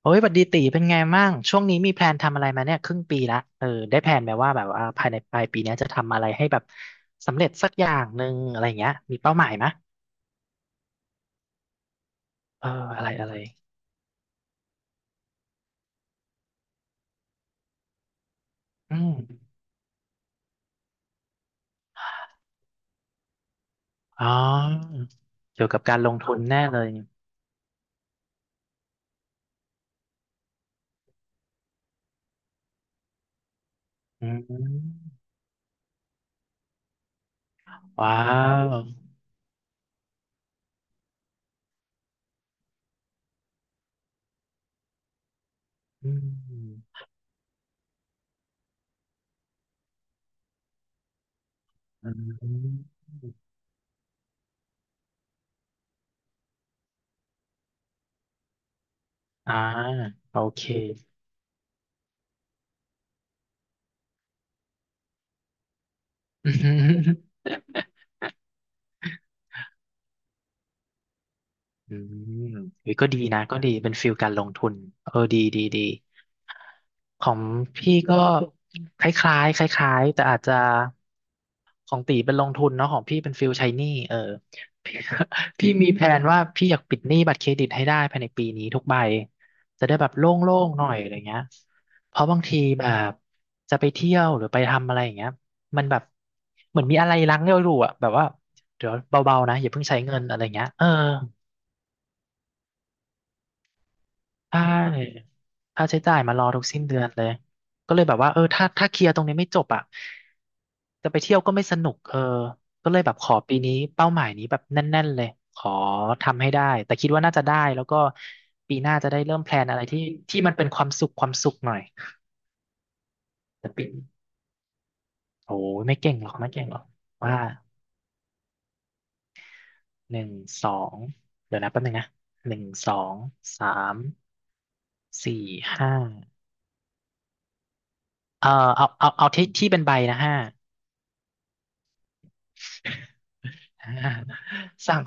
โอ้ยบัดดีตีเป็นไงม้าง ช่วงนี้มีแพลนทำอะไรมาเนี่ยครึ่งปีละเออ ได้แพลนไหมว่าแบบว่าภายในปลายปีเนี้ยจะทำอะไรให้แบบสำเร็จสักอย่างหนึ่งอะไรเงี้ย มีเป้าหมายไหมะเอออะไรอะไรอืมอ๋อเกี่ยวกับการลงทุนแน่เลย อืม ว้าว อืม อืมอ่าโอเค อืมเฮ้ยก็ดีนะก็ดีเป็นฟิลการลงทุนเออดีดีดีของพี่ก็คล้ายๆคล้ายๆแต่อาจจะของตีเป็นลงทุนเนาะของพี่เป็นฟิลใช้หนี้เออ พี่ พี่มีแผนว่าพี่อยากปิดหนี้บัตรเครดิตให้ได้ภายในปีนี้ทุกใบจะได้แบบโล่งๆหน่อยอะไรเงี้ยเพราะบางทีแบบจะไปเที่ยวหรือไปทำอะไรอย่างเงี้ยมันแบบเหมือนมีอะไรรั้งเราอยู่อะแบบว่าเดี๋ยวเบาๆนะอย่าเพิ่งใช้เงินอะไรเงี้ยเออ ใช่ค่าใช้จ่ายมารอทุกสิ้นเดือนเลย ก็เลยแบบว่าเออถ้าเคลียร์ตรงนี้ไม่จบอ่ะจะไปเที่ยวก็ไม่สนุกเออก็เลยแบบขอปีนี้เป้าหมายนี้แบบแน่นๆเลยขอทำให้ได้ แต่คิดว่าน่าจะได้แล้วก็ปีหน้าจะได้เริ่มแพลนอะไรที่ที่มันเป็นความสุขความสุขหน่อยแต่ปีโอ้ยไม่เก่งหรอกไม่เก่งหรอก ว่าหนึ่งสองเดี๋ยวนะแป๊บนึงนะหนึ่งสองสามสี่ห้าเออเอาเอาเอาที่ที่เป็นใบนะห้า อ่าสั่ง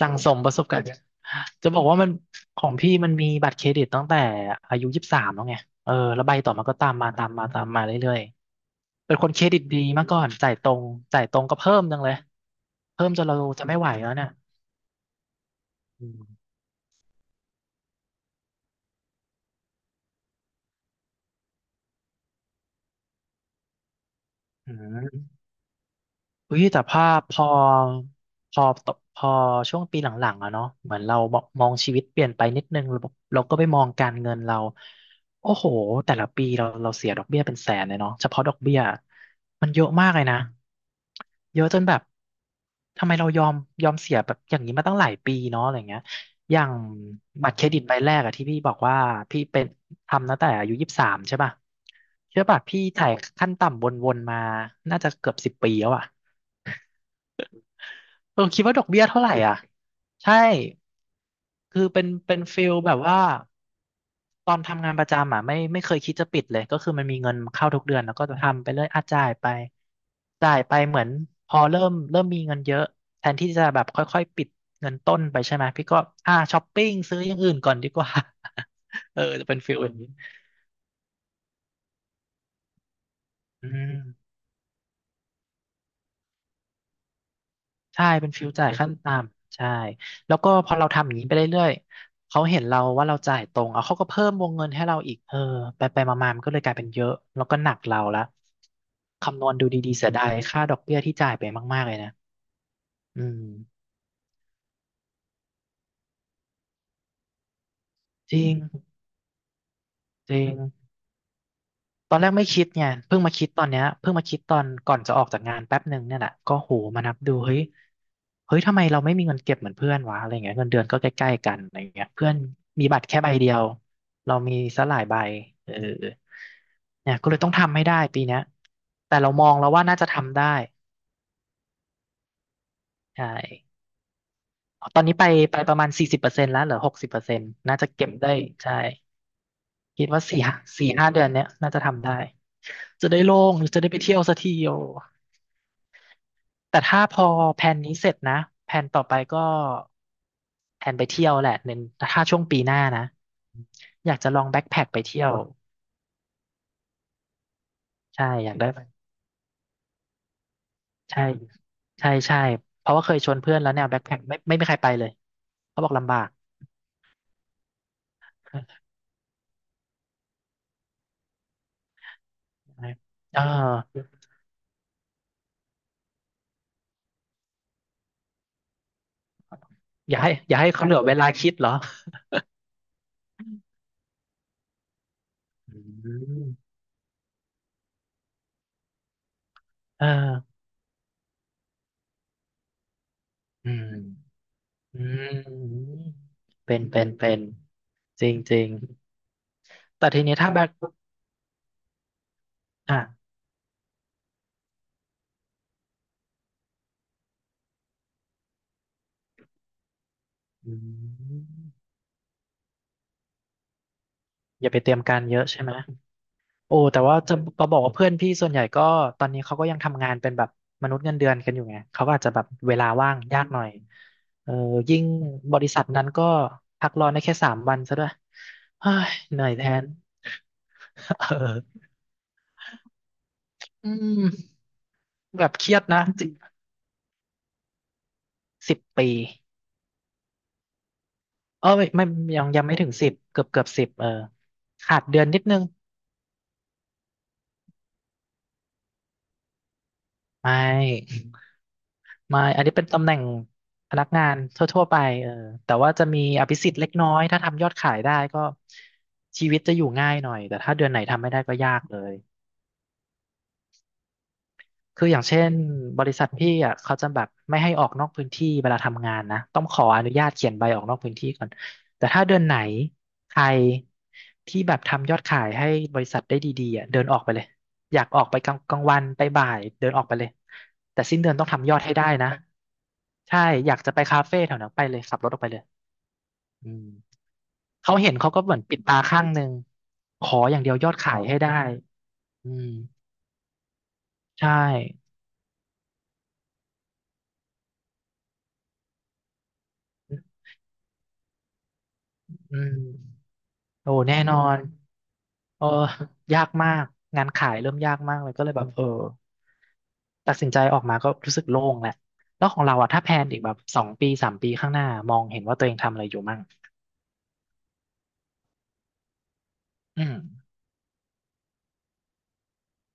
สั่งสมประสบการณ์จะบอกว่ามันของพี่มันมีบัตรเครดิตตั้งแต่อายุยี่สิบสามแล้วไงเออแล้วใบต่อมาก็ตามมาตามมาตามมาเรื่อยๆเป็นคนเครดิตดีมาก่อนจ่ายตรงจ่ายตรงก็เพิ่มจังเลยเพิ่มจนเราจะไม่ไหวแล้วเนี่ยอืมอืม เฮ้ยแต่ภาพพอพอตกพอช่วงปีหลังๆอะเนาะเหมือนเรามองชีวิตเปลี่ยนไปนิดนึงเราบอกเราก็ไปมองการเงินเราโอ้โหแต่ละปีเราเสียดอกเบี้ยเป็นแสนเลยเนาะเฉพาะดอกเบี้ยมันเยอะมากเลยนะเยอะจนแบบทำไมเรายอมเสียแบบอย่างนี้มาตั้งหลายปีเนาะอะไรเงี้ยอย่างบัตรเครดิตใบแรกอะที่พี่บอกว่าพี่เป็นทำตั้งแต่อายุยี่สิบสามใช่ป่ะเชื่อป่ะพี่ถ่ายขั้นต่ำวนๆมาน่าจะเกือบ10 ปีแล้วอะ เออคิดว่าดอกเบี้ยเท่าไหร่อ่ะใช่คือเป็นฟิลแบบว่าตอนทำงานประจำอ่ะไม่เคยคิดจะปิดเลยก็คือมันมีเงินเข้าทุกเดือนแล้วก็จะทำไปเรื่อยอ่ะจ่ายไปจ่ายไปเหมือนพอเริ่มมีเงินเยอะแทนที่จะแบบค่อยๆปิดเงินต้นไปใช่ไหมพี่ก็อ่าช้อปปิ้งซื้ออย่างอื่นก่อนดีกว่า เออจะเป็นฟิลอย่างนี้อืม ใช่เป็นฟิวจ่ายขั้นต่ำใช่แล้วก็พอเราทำอย่างนี้ไปเรื่อยๆเขาเห็นเราว่าเราจ่ายตรงเอาเขาก็เพิ่มวงเงินให้เราอีกเออไปไปมาๆมันก็เลยกลายเป็นเยอะแล้วก็หนักเราละคำนวณดูดีๆเสียดายค่าดอกเบี้ยที่จ่ายไปมากๆเลยนะอืมจริงจริง ตอนแรกไม่คิดไงเพิ่งมาคิดตอนเนี้ยเพิ่งมาคิดตอนก่อนจะออกจากงานแป๊บหนึ่งเนี่ยแหละก็โหมานับดูเฮ้ยเฮ้ยทำไมเราไม่มีเงินเก็บเหมือนเพื่อนวะอะไรเงี้ยเงินเดือนก็ใกล้ๆกันอะไรเงี้ยเพื่อนมีบัตรแค่ใบเดียวเรามีซะหลายใบเออเนี่ยก็เลยต้องทำให้ได้ปีเนี้ยแต่เรามองแล้วว่าน่าจะทำได้ใช่ตอนนี้ไปประมาณ40%แล้วเหลือ60%น่าจะเก็บได้ใช่คิดว่าสี่ห้าเดือนเนี้ยน่าจะทำได้จะได้โล่งจะได้ไปเที่ยวสักทีโอ แต่ถ้าพอแผนนี้เสร็จนะแผนต่อไปก็แผนไปเที่ยวแหละเน้นถ้าช่วงปีหน้านะอยากจะลองแบ็คแพ็คไปเที่ยวใช่อยากได้ไปใช่ใช่ใช่เพราะว่าเคยชวนเพื่อนแล้วแนวแบ็คแพ็คไม่มีใครไปเลยเขาบอกลำบากเอออย่าให้เขาเหลือเวลาคิดเหรออืมเอออืมอืมเป็นจริงจริงแต่ทีนี้ถ้าแบ็คอ่ะอืม อย่าไปเตรียมการเยอะใช่ไหมโอ้แต่ว่าจะก็บอกว่าเพื่อนพี่ส่วนใหญ่ก็ตอนนี้เขาก็ยังทำงานเป็นแบบมนุษย์เงินเดือนกันอยู่ไง เขาก็อาจจะแบบเวลาว่างยากหน่อยเออยิ่งบริษัทนั้นก็พักร้อนได้แค่3 วันซะด้วยเฮ้ยเหนื่อยแทนเอออืมแบบเครียดนะสิบ10 ปีเออไม่ไม่ยังไม่ถึงสิบเกือบสิบเออขาดเดือนนิดนึงไม่ ไม่อันนี้เป็นตำแหน่งพนักงานทั่วๆไปเออแต่ว่าจะมีอภิสิทธิ์เล็กน้อยถ้าทำยอดขายได้ก็ชีวิตจะอยู่ง่ายหน่อย แต่ถ้าเดือนไหนทำไม่ได้ก็ยากเลย คืออย่างเช่นบริษัทพี่อ่ะเขาจะแบบไม่ให้ออกนอกพื้นที่เวลาทำงานนะต้องขออนุญาตเขียนใบออกนอกพื้นที่ก่อนแต่ถ้าเดือนไหนใครที่แบบทำยอดขายให้บริษัทได้ดีๆอ่ะเดินออกไปเลยอยากออกไปกลางวันไปบ่ายเดินออกไปเลยแต่สิ้นเดือนต้องทำยอดให้ได้นะใช่อยากจะไปคาเฟ่แถวนั้นไปเลยขับรถออกไปเลยอืมเขาเห็นเขาก็เหมือนปิดตาข้างหนึ่งขออย่างเดียวยอดขายให้ได้อืมใช่อืมโอ้แน่นอน เออยากมากงานขายเริ่มยากมากเลยก็เลยแบบเออตัดสินใจออกมาก็รู้สึกโล่งแหละแล้วของเราอะถ้าแพลนอีกแบบ2 ปี3 ปีข้างหน้ามองเห็นว่าตัวเองทำอะไรอยู่มั่งอืม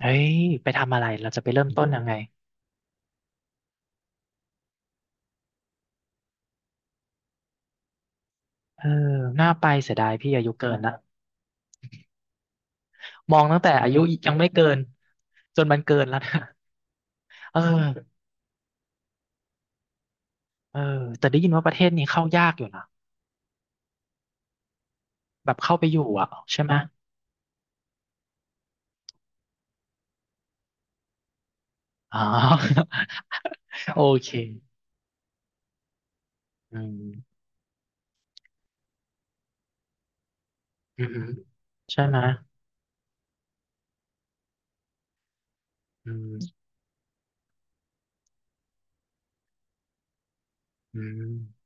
เฮ้ยไปทำอะไรเราจะไปเริ่มต้นยังไงเออน่าไปเสียดายพี่อายุเกินนะมองตั้งแต่อายุยังไม่เกินจนมันเกินแล้วนะเออเออแต่ได้ยินว่าประเทศนี้เข้ายากอยู่นะแบบเข้าไปอยู่อะใช่ไหมอ๋อ โอเคอืม อือฮึใช่ไหมอืมอืม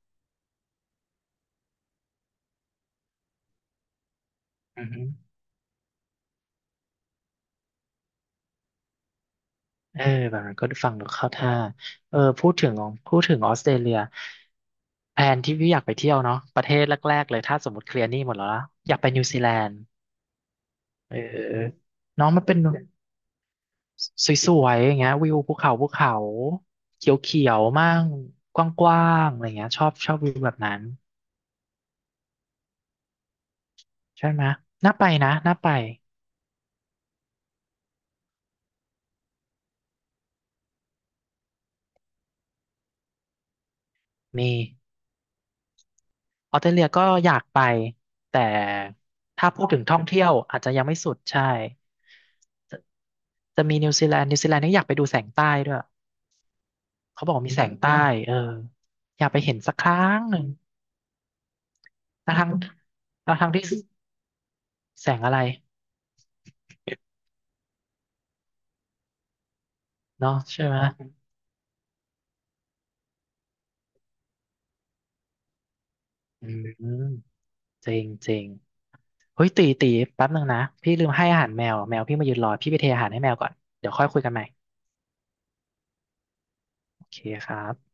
อือฮึเออแบบนั้นก็ฟังดูเข้าท่าเออพูดถึงออสเตรเลียแผนที่พี่อยากไปเที่ยวเนาะประเทศแรกๆเลยถ้าสมมติเคลียร์หนี้หมดแล้วนะอยากไปนิวซีแลนด์เออน้องมันเป็นสวยๆอย่างเงี้ยวิวภูเขาภูเขาเขียวๆมั่งกว้างๆอะไรเงี้ยชอบวิวแบบนั้นใช่ไหมน่าไปนะน่าไปมี ออสเตรเลียก็อยากไปแต่ถ้าพูดถึงท่องเที่ยวอาจจะยังไม่สุดใช่จะจะมีนิวซีแลนด์นิวซีแลนด์นี่อยากไปดูแสงใต้ด้วยเขาบอกว่ามีแสงใต้เอออยากไปเห็นสักครั้งหนึ่งทั้งทั้งทั้งที่แสงอะไรเนาะใช่ไหมอืมจริงจริงเฮ้ยตีแป๊บหนึ่งนะพี่ลืมให้อาหารแมวแมวพี่มายืนรอพี่ไปเทอาหารให้แมวก่อนเดี๋ยวค่อยคุยกันใหม่โอเคครับ